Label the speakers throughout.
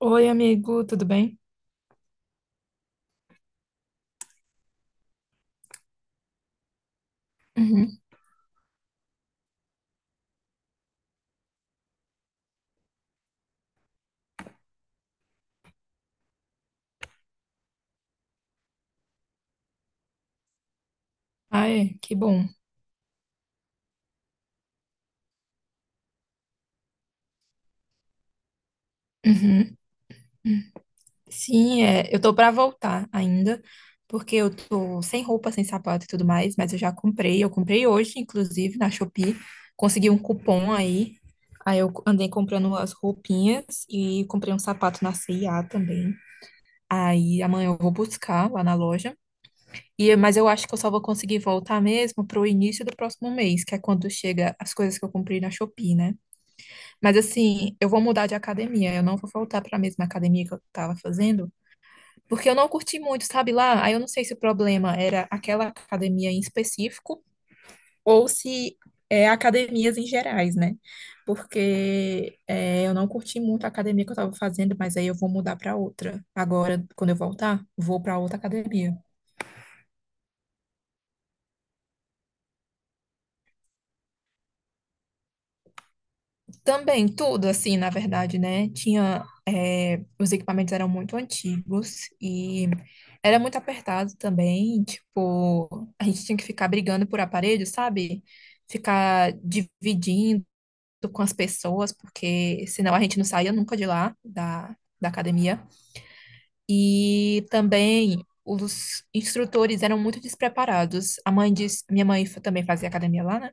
Speaker 1: Oi, amigo, tudo bem? Uhum. Ai, que bom. Uhum. Sim, é, eu tô pra voltar ainda, porque eu tô sem roupa, sem sapato e tudo mais, mas eu já comprei, eu comprei hoje, inclusive, na Shopee, consegui um cupom aí, aí eu andei comprando as roupinhas e comprei um sapato na C&A também, aí amanhã eu vou buscar lá na loja, e, mas eu acho que eu só vou conseguir voltar mesmo pro início do próximo mês, que é quando chega as coisas que eu comprei na Shopee, né? Mas assim, eu vou mudar de academia. Eu não vou voltar para a mesma academia que eu estava fazendo, porque eu não curti muito, sabe lá? Aí eu não sei se o problema era aquela academia em específico ou se é academias em gerais, né? Porque é, eu não curti muito a academia que eu estava fazendo, mas aí eu vou mudar para outra. Agora, quando eu voltar, vou para outra academia. Também, tudo assim, na verdade, né? Tinha, os equipamentos eram muito antigos e era muito apertado também. Tipo, a gente tinha que ficar brigando por aparelho, sabe? Ficar dividindo com as pessoas, porque senão a gente não saía nunca de lá, da academia. E também os instrutores eram muito despreparados. A mãe disse, minha mãe também fazia academia lá, né?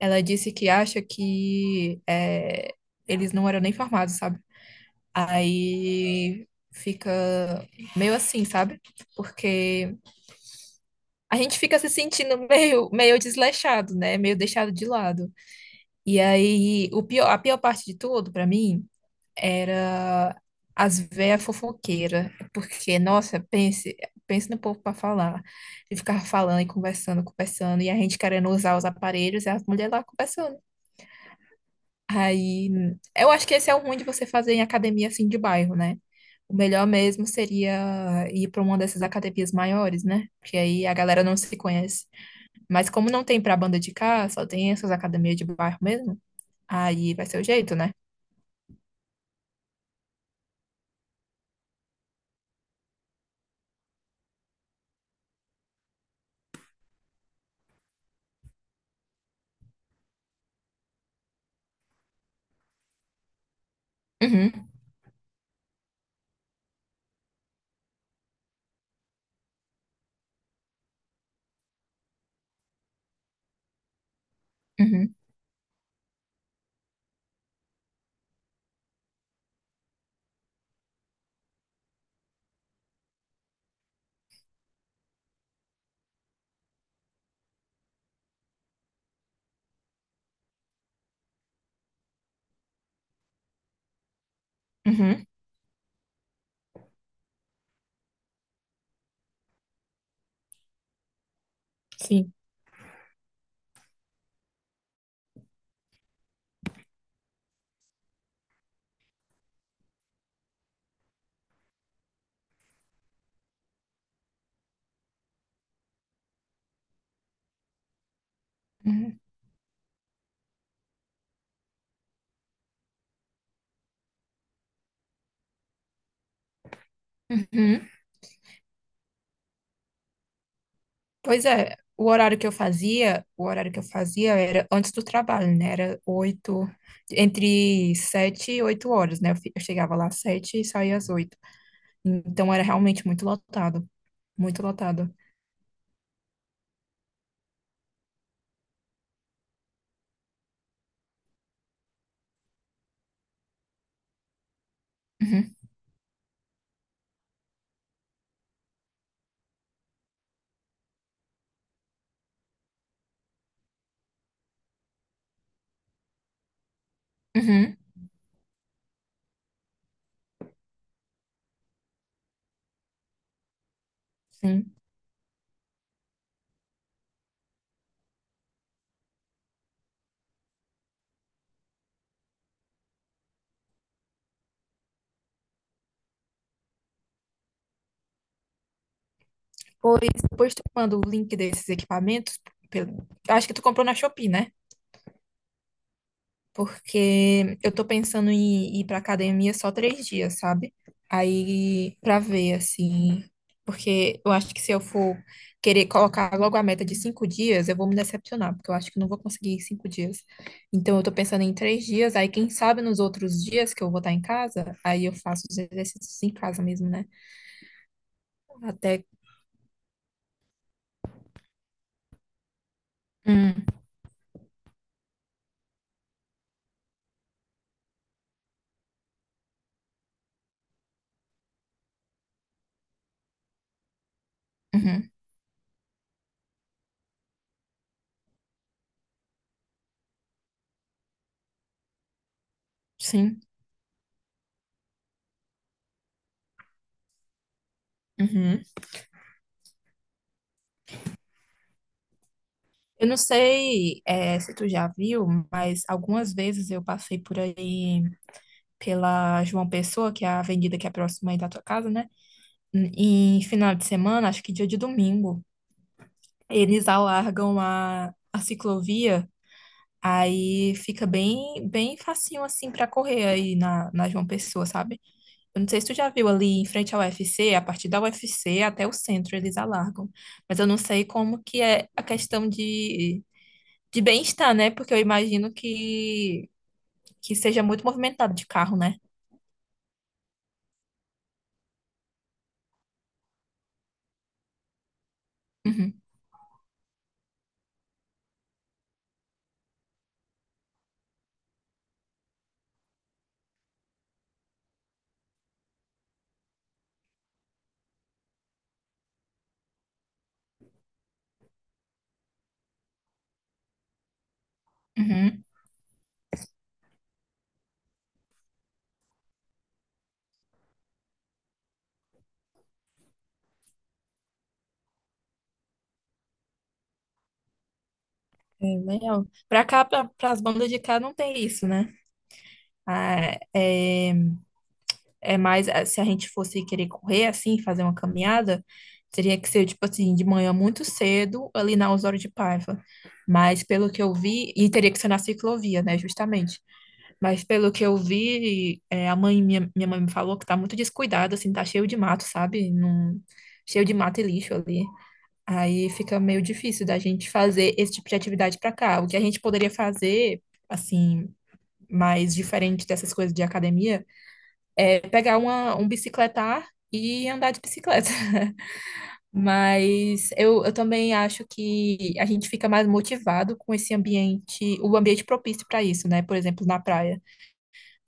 Speaker 1: Ela disse que acha que é, eles não eram nem formados, sabe? Aí fica meio assim, sabe? Porque a gente fica se sentindo meio desleixado, né? Meio deixado de lado. E aí, o pior, a pior parte de tudo, pra mim, era as véias fofoqueiras. Porque, nossa, pense, pense no povo pra falar. E ficava falando e conversando, conversando. E a gente querendo usar os aparelhos e as mulheres lá conversando. Aí, eu acho que esse é o ruim de você fazer em academia assim de bairro, né? O melhor mesmo seria ir para uma dessas academias maiores, né? Porque aí a galera não se conhece. Mas como não tem para banda de cá, só tem essas academias de bairro mesmo, aí vai ser o jeito, né? Uhum, uhum, uhum, sim. Uhum, uhum. Pois é, o horário que eu fazia era antes do trabalho, né? Era oito, entre sete e oito horas, né? Eu chegava lá às sete e saía às oito. Então era realmente muito lotado, muito lotado. Uhum, uhum, sim. Pois depois tu manda o link desses equipamentos, acho que tu comprou na Shopee, né? Porque eu tô pensando em ir pra academia só 3 dias, sabe? Aí, pra ver, assim, porque eu acho que se eu for querer colocar logo a meta de 5 dias, eu vou me decepcionar, porque eu acho que não vou conseguir em 5 dias. Então, eu tô pensando em 3 dias, aí quem sabe nos outros dias que eu vou estar em casa, aí eu faço os exercícios em casa mesmo, né? Até. Hum, uhum, sim. Uhum. Eu não sei, se tu já viu, mas algumas vezes eu passei por aí pela João Pessoa, que é a avenida que é próxima aí da tua casa, né? Em final de semana, acho que dia de domingo, eles alargam a ciclovia, aí fica bem bem facinho assim para correr aí na João Pessoa, sabe? Eu não sei se tu já viu ali em frente ao U F C a partir da U F C até o centro eles alargam, mas eu não sei como que é a questão de bem-estar, né? Porque eu imagino que seja muito movimentado de carro, né? Uhum, uhum. É, legal. Pra cá, pras bandas de cá, não tem isso, né? Ah, é mais, ah, se a gente fosse querer correr, assim, fazer uma caminhada, teria que ser, tipo assim, de manhã muito cedo, ali na Osório de Paiva. Mas pelo que eu vi, e teria que ser na ciclovia, né, justamente. Mas pelo que eu vi, é, minha mãe me falou que tá muito descuidado, assim, tá cheio de mato, sabe? Não, cheio de mato e lixo ali. Aí fica meio difícil da gente fazer esse tipo de atividade para cá. O que a gente poderia fazer, assim, mais diferente dessas coisas de academia, é pegar um bicicletar e andar de bicicleta. Mas eu também acho que a gente fica mais motivado com esse ambiente, o ambiente propício para isso, né? Por exemplo, na praia.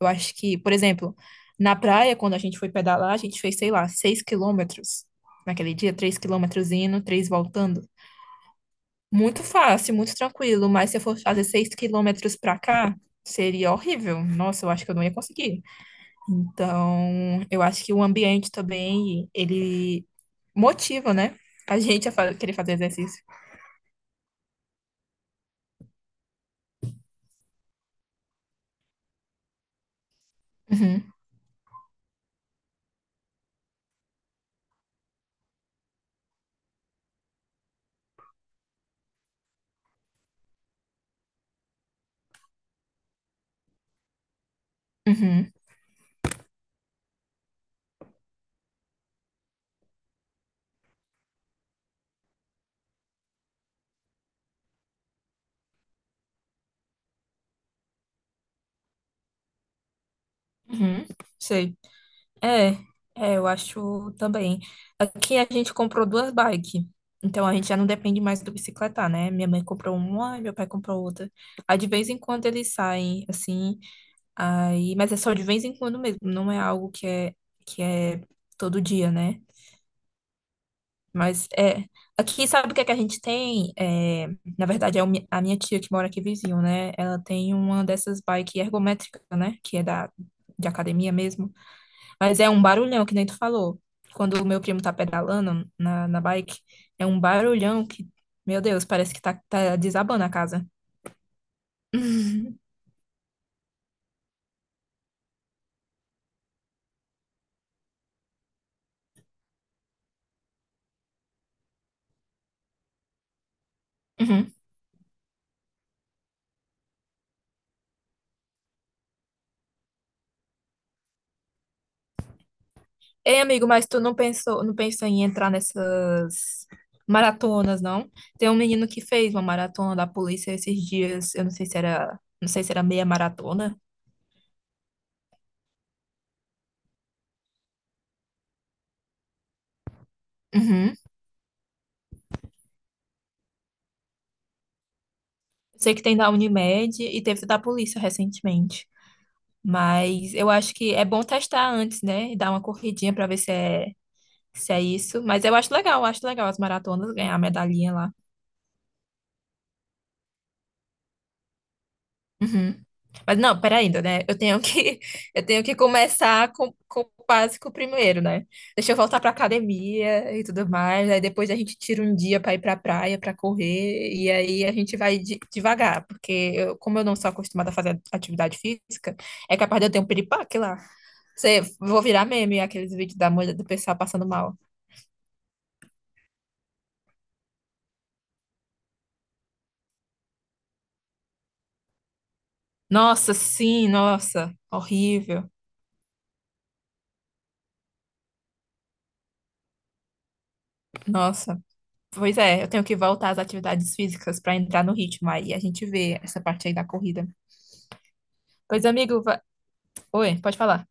Speaker 1: Eu acho que, por exemplo, na praia, quando a gente foi pedalar, a gente fez, sei lá, 6 km naquele dia, 3 km indo, três voltando. Muito fácil, muito tranquilo, mas se eu fosse fazer 6 km pra cá, seria horrível. Nossa, eu acho que eu não ia conseguir. Então, eu acho que o ambiente também, ele motiva, né? A gente querer fazer exercício. Uhum, uhum, uhum, sei. É, é, eu acho também. Aqui a gente comprou duas bikes, então a gente já não depende mais do bicicletar, né? Minha mãe comprou uma, e meu pai comprou outra. Aí de vez em quando eles saem, assim. Aí, mas é só de vez em quando mesmo, não é algo que é todo dia, né? Mas é aqui sabe o que é que a gente tem? É, na verdade é a minha tia que mora aqui vizinho, né? Ela tem uma dessas bike ergométrica, né? Que é da de academia mesmo, mas é um barulhão que nem tu falou. Quando o meu primo tá pedalando na bike, é um barulhão que, meu Deus, parece que tá, tá desabando a casa. Ei, amigo, mas tu não pensou em entrar nessas maratonas, não? Tem um menino que fez uma maratona da polícia esses dias, eu não sei se era, não sei se era meia maratona. Uhum. Sei que tem da Unimed e teve da polícia recentemente. Mas eu acho que é bom testar antes, né? E dar uma corridinha pra ver se é isso. Mas eu acho legal as maratonas ganhar a medalhinha lá. Uhum. Mas não, peraí ainda, né? Eu tenho que, eu tenho que começar com o básico primeiro, né? Deixa eu voltar pra academia e tudo mais. Aí depois a gente tira um dia pra ir pra praia, pra correr. E aí a gente vai devagar, porque como eu não sou acostumada a fazer atividade física, é capaz de eu ter um piripaque lá. Vou virar meme aqueles vídeos da mulher do pessoal passando mal. Nossa, sim, nossa, horrível. Nossa. Pois é, eu tenho que voltar às atividades físicas para entrar no ritmo. Aí a gente vê essa parte aí da corrida. Pois, amigo, Oi, pode falar.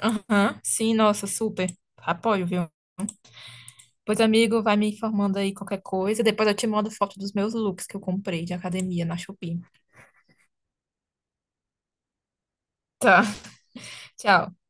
Speaker 1: Aham, sim, nossa, super. Apoio, viu? Pois, amigo, vai me informando aí qualquer coisa. Depois eu te mando foto dos meus looks que eu comprei de academia na Shopee. Tá, tchau.